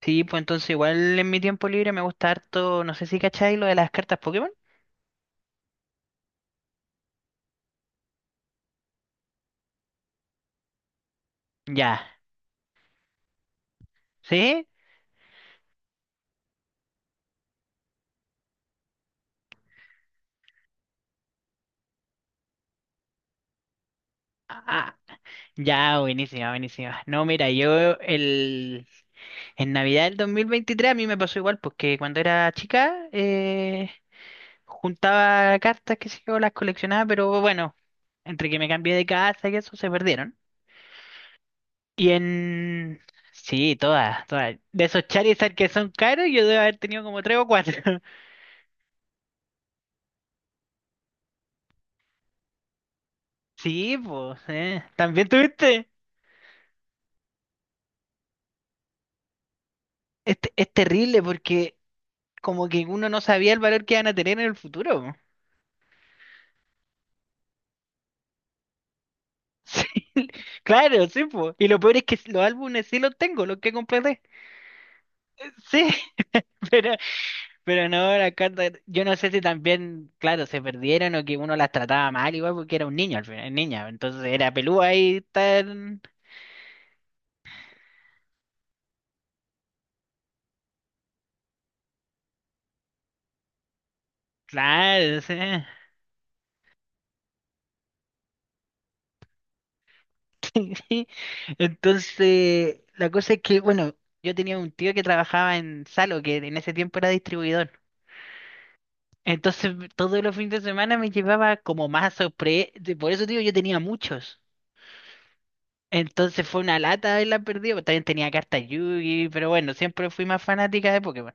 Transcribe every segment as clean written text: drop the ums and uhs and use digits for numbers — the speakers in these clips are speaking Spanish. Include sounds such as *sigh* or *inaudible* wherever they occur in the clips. Sí, pues entonces igual en mi tiempo libre me gusta harto, no sé si cacháis lo de las cartas Pokémon. Ya, ¿sí? Ah, ah, ya, buenísima, buenísima. No, mira, en Navidad del 2023 a mí me pasó igual, porque cuando era chica juntaba cartas, que sé yo, las coleccionaba, pero bueno, entre que me cambié de casa y eso se perdieron. Y en... Sí, todas, todas. De esos Charizard que son caros, yo debo haber tenido como tres o cuatro. *laughs* Sí, pues. ¿También tuviste? Es terrible porque como que uno no sabía el valor que iban a tener en el futuro, po. *laughs* Sí, claro, sí, po. Y lo peor es que los álbumes sí los tengo, los que completé. Sí, *laughs* pero, pero no, las cartas, yo no sé, si también, claro, se perdieron o que uno las trataba mal igual porque era un niño al final, niña, entonces era pelúa ahí tan. Claro, sí. *laughs* Sí. Entonces, la cosa es que, bueno, yo tenía un tío que trabajaba en Salo, que en ese tiempo era distribuidor. Entonces *laughs* todos los fines de semana me llevaba como más sorpresa. Por eso, digo, yo tenía muchos. Entonces fue una lata haberla perdido. También tenía cartas Yugi, pero bueno, siempre fui más fanática de Pokémon.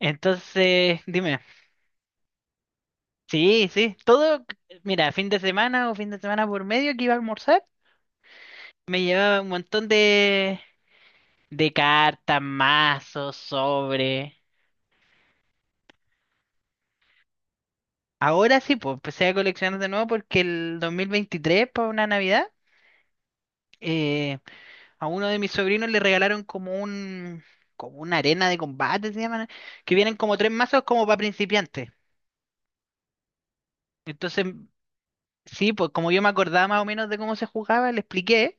Entonces, dime, sí, sí, todo, mira, fin de semana o fin de semana por medio que iba a almorzar, me llevaba un montón de cartas, mazos, sobre. Ahora sí, pues empecé a coleccionar de nuevo porque el 2023, para una Navidad, eh, a uno de mis sobrinos le regalaron como una arena de combate, se llaman, que vienen como tres mazos como para principiantes. Entonces, sí, pues como yo me acordaba más o menos de cómo se jugaba, le expliqué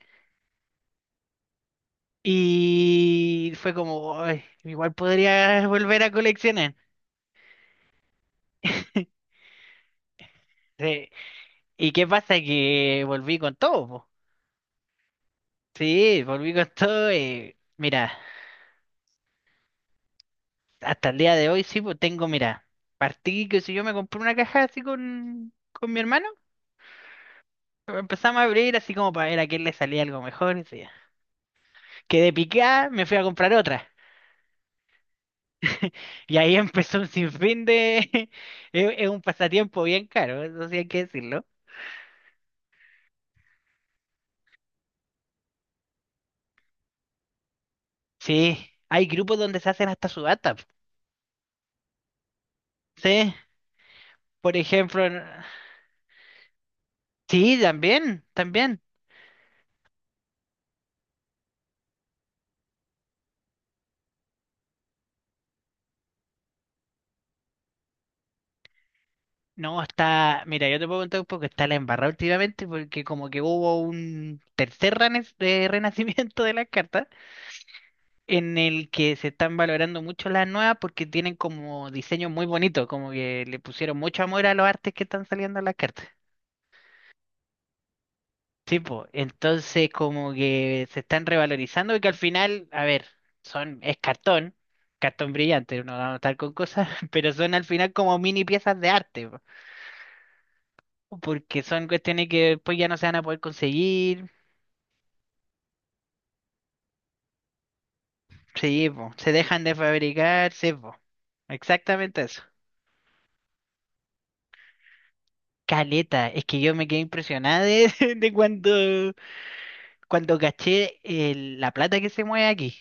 y fue como: "Ay, igual podría *laughs* volver a coleccionar". *laughs* Sí. ¿Y qué pasa? Que volví con todo, po. Sí, volví con todo. Mira, hasta el día de hoy sí, pues tengo, mira, partí que si yo me compré una caja así con mi hermano. Empezamos a abrir así como para ver a quién le salía algo mejor. Y sí. Quedé picada, me fui a comprar otra. Y ahí *laughs* empezó un sinfín de. *laughs* Es un pasatiempo bien caro, eso sí hay que decirlo. Sí, hay grupos donde se hacen hasta subasta. Sí, por ejemplo. Sí, también, también. No, está. Mira, yo te puedo contar un poco que está la embarrada últimamente porque como que hubo un tercer renacimiento de las cartas, en el que se están valorando mucho las nuevas porque tienen como diseños muy bonitos, como que le pusieron mucho amor a los artes que están saliendo en las cartas. Sí, pues, entonces como que se están revalorizando y que al final, a ver, es cartón, cartón brillante, no vamos a estar con cosas, *laughs* pero son al final como mini piezas de arte, po, porque son cuestiones que después ya no se van a poder conseguir, sí, po, se dejan de fabricar, sí, po, exactamente eso. Caleta, es que yo me quedé impresionada de, *laughs* de cuando caché la plata que se mueve aquí.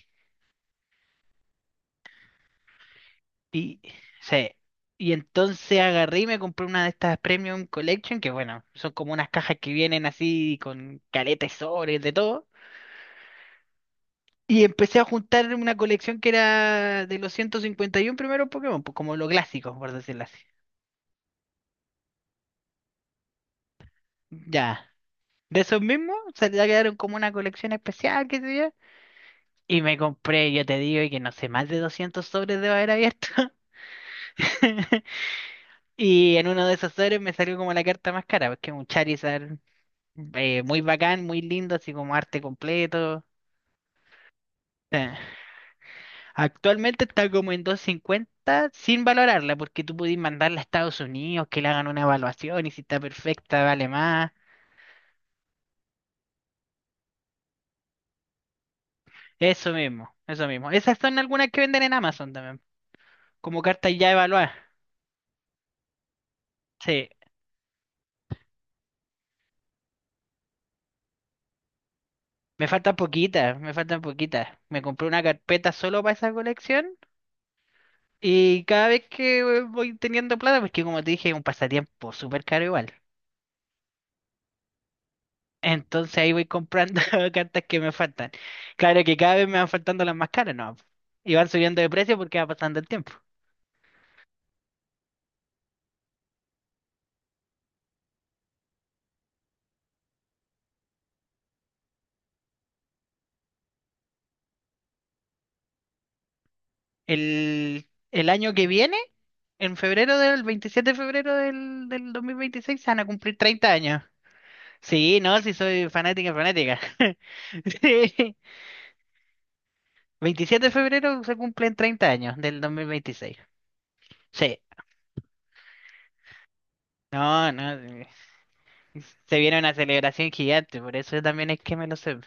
Y, sí, y entonces agarré y me compré una de estas Premium Collection, que bueno, son como unas cajas que vienen así con caleta y sobres de todo. Y empecé a juntar una colección que era de los 151 primeros Pokémon, pues como los clásicos, por decirlo así. Ya. De esos mismos, se le quedaron como una colección especial, qué sé yo. Y me compré, yo te digo, y que no sé, más de 200 sobres debo haber abierto. *laughs* Y en uno de esos sobres me salió como la carta más cara, porque es un Charizard muy bacán, muy lindo, así como arte completo. Eh, Actualmente está como en 250 sin valorarla, porque tú pudiste mandarla a Estados Unidos, que le hagan una evaluación y si está perfecta vale más. Eso mismo, eso mismo. Esas son algunas que venden en Amazon también, como cartas ya evaluadas. Sí. Me faltan poquitas, me faltan poquitas. Me compré una carpeta solo para esa colección y cada vez que voy teniendo plata, porque como te dije, es un pasatiempo súper caro igual. Entonces ahí voy comprando *laughs* cartas que me faltan. Claro que cada vez me van faltando las más caras, ¿no? Y van subiendo de precio porque va pasando el tiempo. El, el año que viene, en febrero del, 27 de febrero del 2026, se van a cumplir 30 años. Sí, no, sí soy fanática, fanática. *laughs* Sí. 27 de febrero se cumplen 30 años del 2026. Sí. No, no. Se viene una celebración gigante, por eso también es que me lo sé.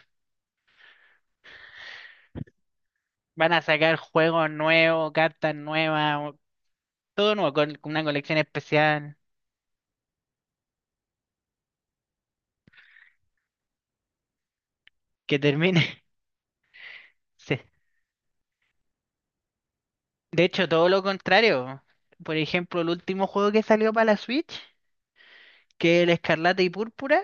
Van a sacar juegos nuevos, cartas nuevas, todo nuevo, con una colección especial que termine. *laughs* Sí. De hecho, todo lo contrario. Por ejemplo, el último juego que salió para la Switch, que es el Escarlata y Púrpura,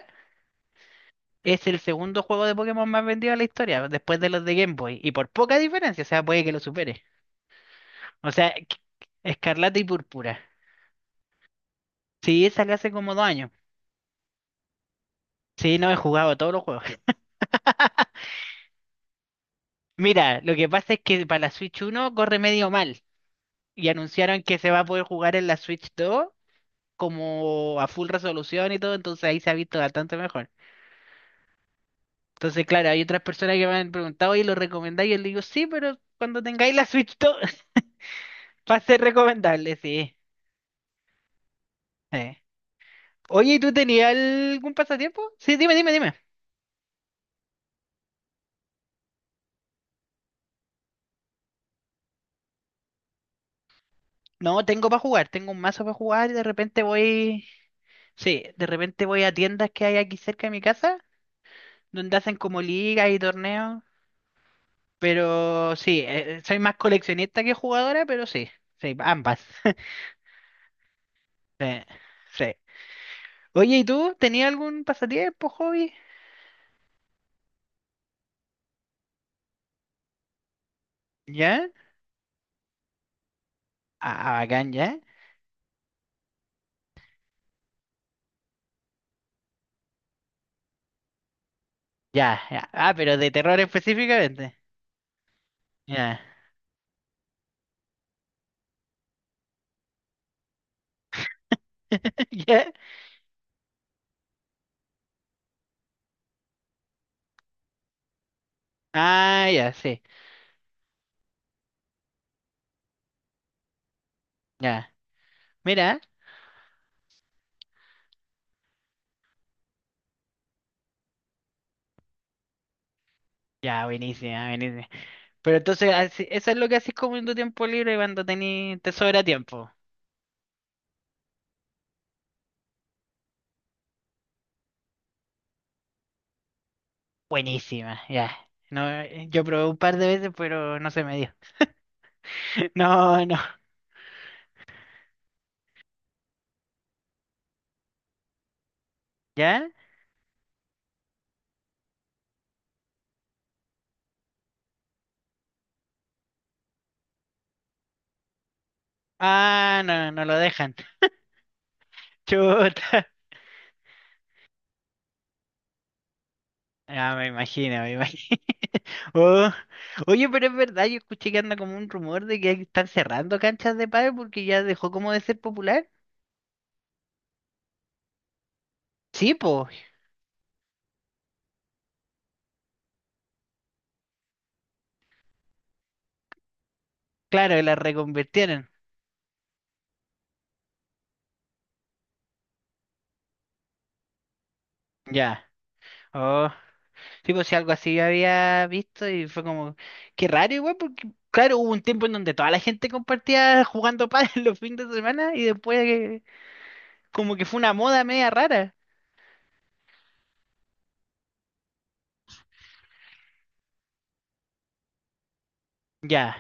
es el segundo juego de Pokémon más vendido de la historia, después de los de Game Boy. Y por poca diferencia, o sea, puede que lo supere. O sea, Escarlata y Púrpura. Sí, esa la hace como 2 años. Sí, no he jugado todos los juegos. *laughs* Mira, lo que pasa es que para la Switch uno corre medio mal. Y anunciaron que se va a poder jugar en la Switch 2 como a full resolución y todo, entonces ahí se ha visto bastante mejor. Entonces, claro, hay otras personas que me han preguntado, ¿y lo recomendáis? Y yo le digo, sí, pero cuando tengáis la Switch 2, *laughs* va a ser recomendable, sí. Eh. Oye, ¿y tú tenías algún pasatiempo? Sí, dime, dime, dime. No, tengo para jugar, tengo un mazo para jugar y de repente voy. Sí, de repente voy a tiendas que hay aquí cerca de mi casa, donde hacen como ligas y torneos, pero sí, soy más coleccionista que jugadora, pero sí, sí, ambas. *laughs* Sí, sí. Oye, ¿y tú tenías algún pasatiempo, hobby? ¿Ya? Ah, bacán, ¿ya? Ya, ya. Ah, pero de terror específicamente. Ya. *laughs* ¿Ya? Ah, ya, sí. Ya. Mira. Ya, buenísima, buenísima. Pero entonces, eso es lo que haces como en tu tiempo libre cuando tení, te sobra tiempo. Buenísima, ya. No, yo probé un par de veces, pero no se me dio. *laughs* No, no. ¿Ya? Ah, no, no lo dejan. *laughs* Chuta. Ah, me imagino, me imagino. *laughs* Oh. Oye, pero es verdad, yo escuché que anda como un rumor de que están cerrando canchas de pádel porque ya dejó como de ser popular. Sí, pues, claro, la reconvirtieron. Ya. Oh. Sí, pues sí, algo así yo había visto y fue como, qué raro igual, porque claro, hubo un tiempo en donde toda la gente compartía jugando pádel *laughs* los fines de semana y después como que fue una moda media rara. Ya,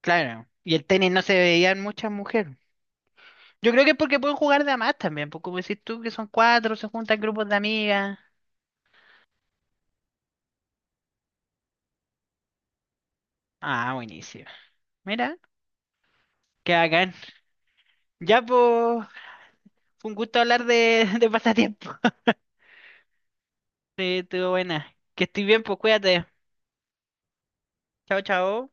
claro. Y el tenis no se veían muchas mujeres. Yo creo que es porque pueden jugar de a más también, pues como decís tú, que son cuatro, se juntan grupos de amigas. Ah, buenísimo. Mira, qué bacán. Ya, pues, fue un gusto hablar de pasatiempo. *laughs* Sí, estuvo buena. Que estoy bien, pues cuídate. Chao, chao.